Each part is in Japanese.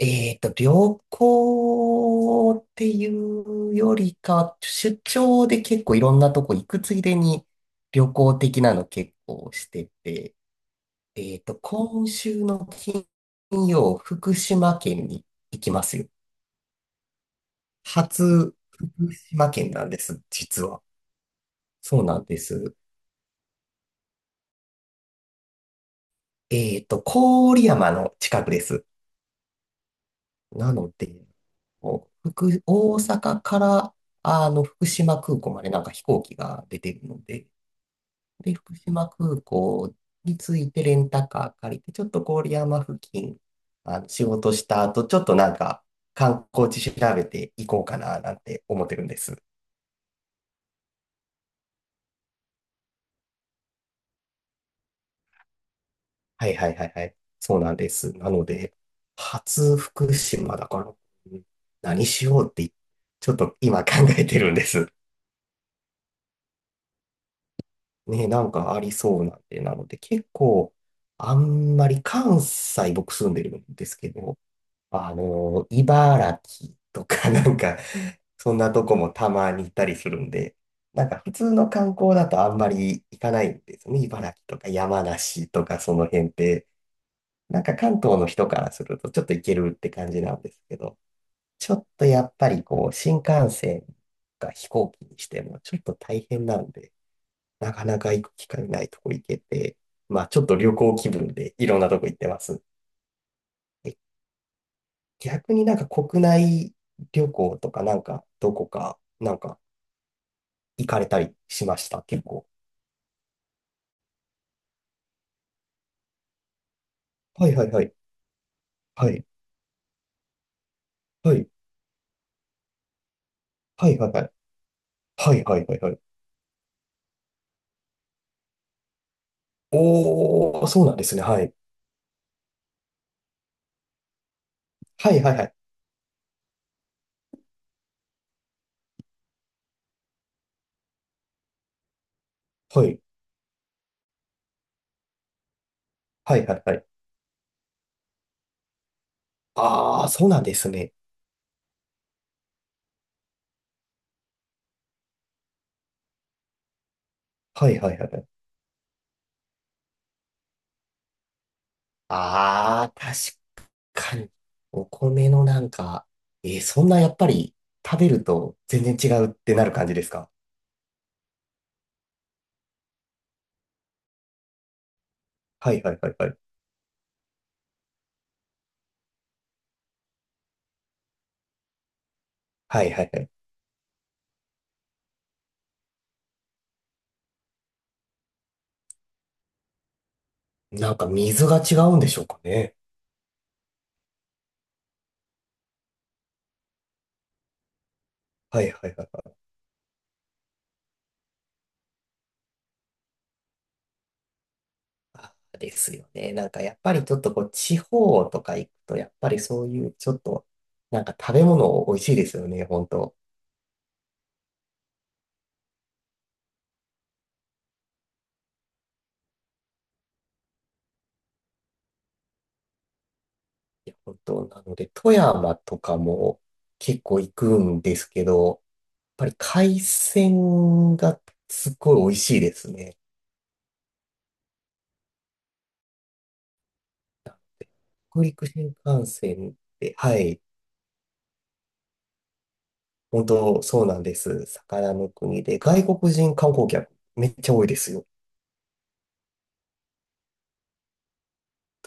旅行っていうよりか、出張で結構いろんなとこ行くついでに旅行的なの結構してて、今週の金曜、福島県に行きますよ。初、福島県なんです、実は。そうなんです。郡山の近くです。なので、こう福、大阪から、福島空港までなんか飛行機が出てるので、で、福島空港に着いてレンタカー借りて、ちょっと郡山付近、あの仕事した後、ちょっとなんか観光地調べていこうかななんて思ってるんです。はいはいはいはい。そうなんです。なので、初福島だから、うん、何しようって、ちょっと今考えてるんです。ね、なんかありそうなんで、なので結構、あんまり関西僕住んでるんですけど、茨城とか なんか、そんなとこもたまに行ったりするんで、なんか普通の観光だとあんまり行かないんですよね。茨城とか山梨とかその辺って、なんか関東の人からするとちょっと行けるって感じなんですけど、ちょっとやっぱりこう、新幹線か飛行機にしてもちょっと大変なんで、なかなか行く機会ないとこ行けて、まあちょっと旅行気分でいろんなとこ行ってます。逆になんか国内旅行とかなんかどこかなんか行かれたりしました結構。はいはいはい。はい。はい。はいはいはい。はいはいはいはい。おー、そうなんですね。はい。はいはいはい。はい。はいはいはい。あー、そうなんですね。はいはいはいはい。あー、確かに。お米のなんか、そんなやっぱり食べると全然違うってなる感じですか？はいはいはいはい。はいはいはい。なんか水が違うんでしょうかね。はいはいはいはい。あー、ですよね。なんかやっぱりちょっとこう地方とか行くと、やっぱりそういうちょっと、なんか食べ物美味しいですよね、本当。いや、本当。なので、富山とかも結構行くんですけど、やっぱり海鮮がすっごい美味しいですね。北陸新幹線って、はい、本当そうなんです。魚の国で、外国人観光客めっちゃ多いですよ。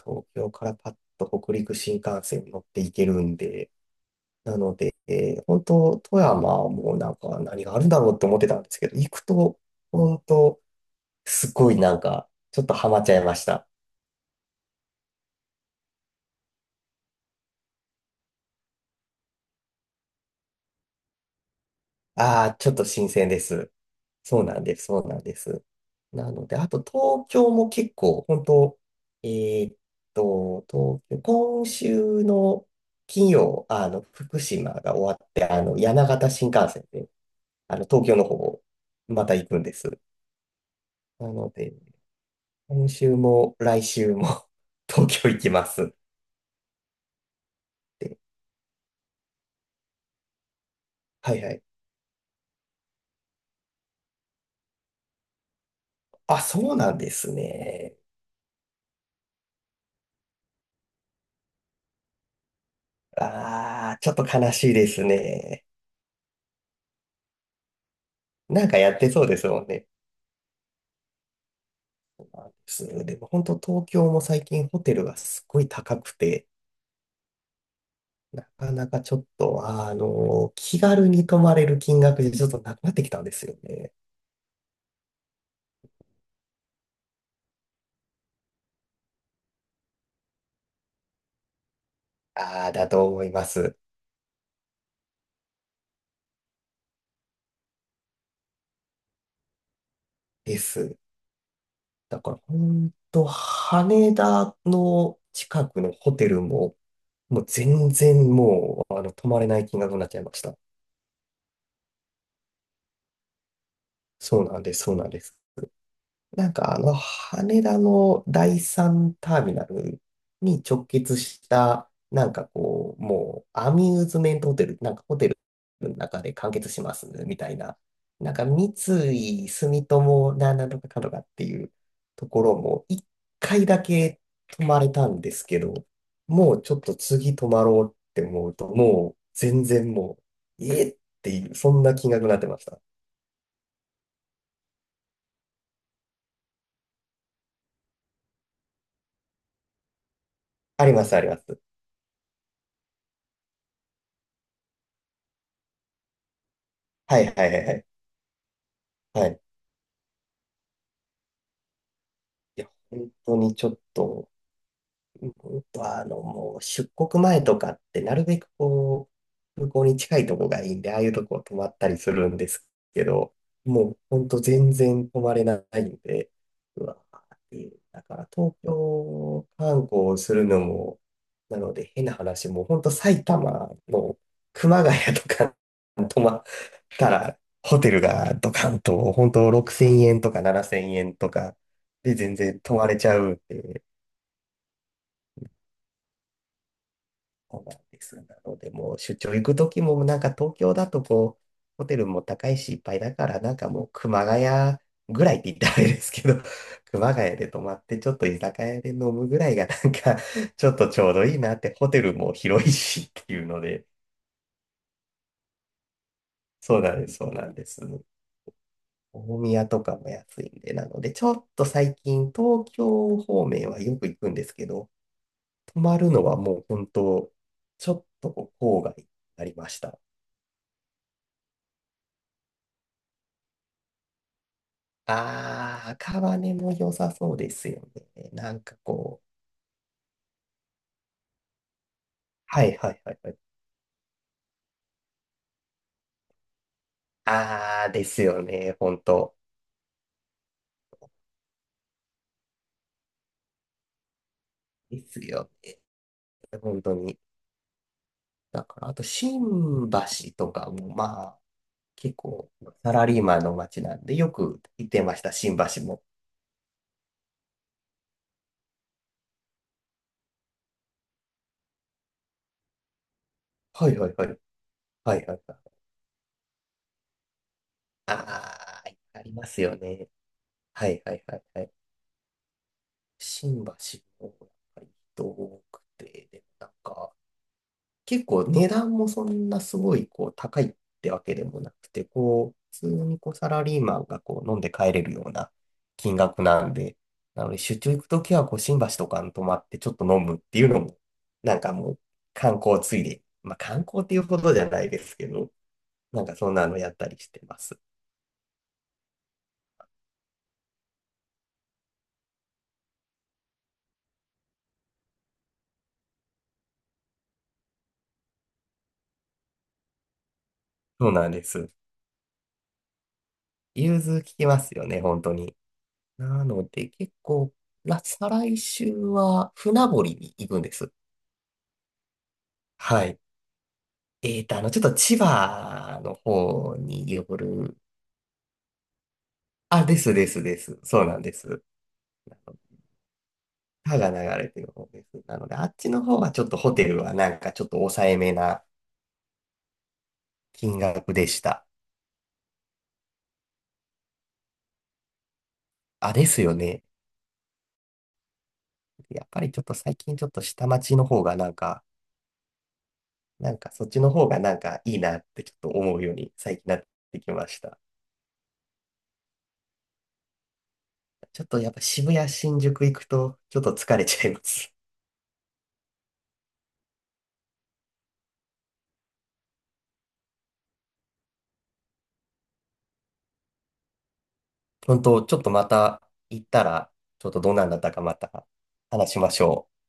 東京からパッと北陸新幹線に乗っていけるんで、なので、本当、富山もなんか何があるんだろうって思ってたんですけど、行くと、本当、すごいなんか、ちょっとハマっちゃいました。ああ、ちょっと新鮮です。そうなんです、そうなんです。なので、あと東京も結構、本当、えーっ東京、今週の金曜、福島が終わって、山形新幹線で、東京の方、また行くんです。なので、今週も来週も 東京行きますって。はいはい。あ、そうなんですね。ああ、ちょっと悲しいですね。なんかやってそうですもんね。すでも本当東京も最近ホテルがすっごい高くて、なかなかちょっと、気軽に泊まれる金額でちょっとなくなってきたんですよね。ああ、だと思います。です。だから、ほんと、羽田の近くのホテルも、もう全然もう、あの、泊まれない金額になっちゃいました。そうなんです、そうなんです。羽田の第三ターミナルに直結した、なんかこう、もうアミューズメントホテル、なんかホテルの中で完結しますみたいな、なんか三井住友なんなんとかかとかっていうところも一回だけ泊まれたんですけど、もうちょっと次泊まろうって思うと、もう全然もう、えっていう、そんな金額になってました。あります、あります。はいはいはいはい。はい、いや、本当にちょっとうもう出国前とかって、なるべくこう、空港に近いとこがいいんで、ああいうとこ泊まったりするんですけど、もうほんと全然泊まれないんで、うわーっていう。だから東京観光するのも、なので変な話、もうほんと埼玉の熊谷とか泊まったら、ホテルがドカンと、ほんと6000円とか7000円とかで全然泊まれちゃうって。そうなんです。なので、もう出張行くときも、なんか東京だとこう、ホテルも高いしいっぱいだから、なんかもう熊谷ぐらいって言ったらあれですけど、熊谷で泊まってちょっと居酒屋で飲むぐらいがなんか ちょっとちょうどいいなって、ホテルも広いしっていうので、そうなんです、そうなんです。大宮とかも安いんで、なので、ちょっと最近東京方面はよく行くんですけど、泊まるのはもう本当、ちょっとこう郊外になりました。ああ、赤羽も良さそうですよね。なんかこう、はいはいはいはい。ああ、ですよね、本当、ですよね、本当に。だから、あと、新橋とかも、まあ、結構、サラリーマンの街なんで、よく行ってました、新橋も。はいはいはい。はいはいはい。ああ、ありますよね。はいはいはいはい。新橋も、やっぱり人多くて、で、なんか、結構値段もそんなすごいこう高いってわけでもなくて、こう、普通にこうサラリーマンがこう飲んで帰れるような金額なんで、なので出張行くときはこう新橋とかに泊まってちょっと飲むっていうのも、なんかもう観光ついで、まあ観光っていうほどじゃないですけど、なんかそんなのやったりしてます。そうなんです。融通聞きますよね、本当に。なので結構、ら再来週は船堀に行くんです。はい。ちょっと千葉の方による。あ、ですですです。そうなんです。あの川が流れてる方です。なので、あっちの方はちょっとホテルはなんかちょっと抑えめな金額でした。あ、ですよね。やっぱりちょっと最近ちょっと下町の方がなんか、なんかそっちの方がなんかいいなってちょっと思うように最近なってきました。ちょっとやっぱ渋谷、新宿行くとちょっと疲れちゃいます。本当、ちょっとまた行ったら、ちょっとどんなんだったかまた話しましょう。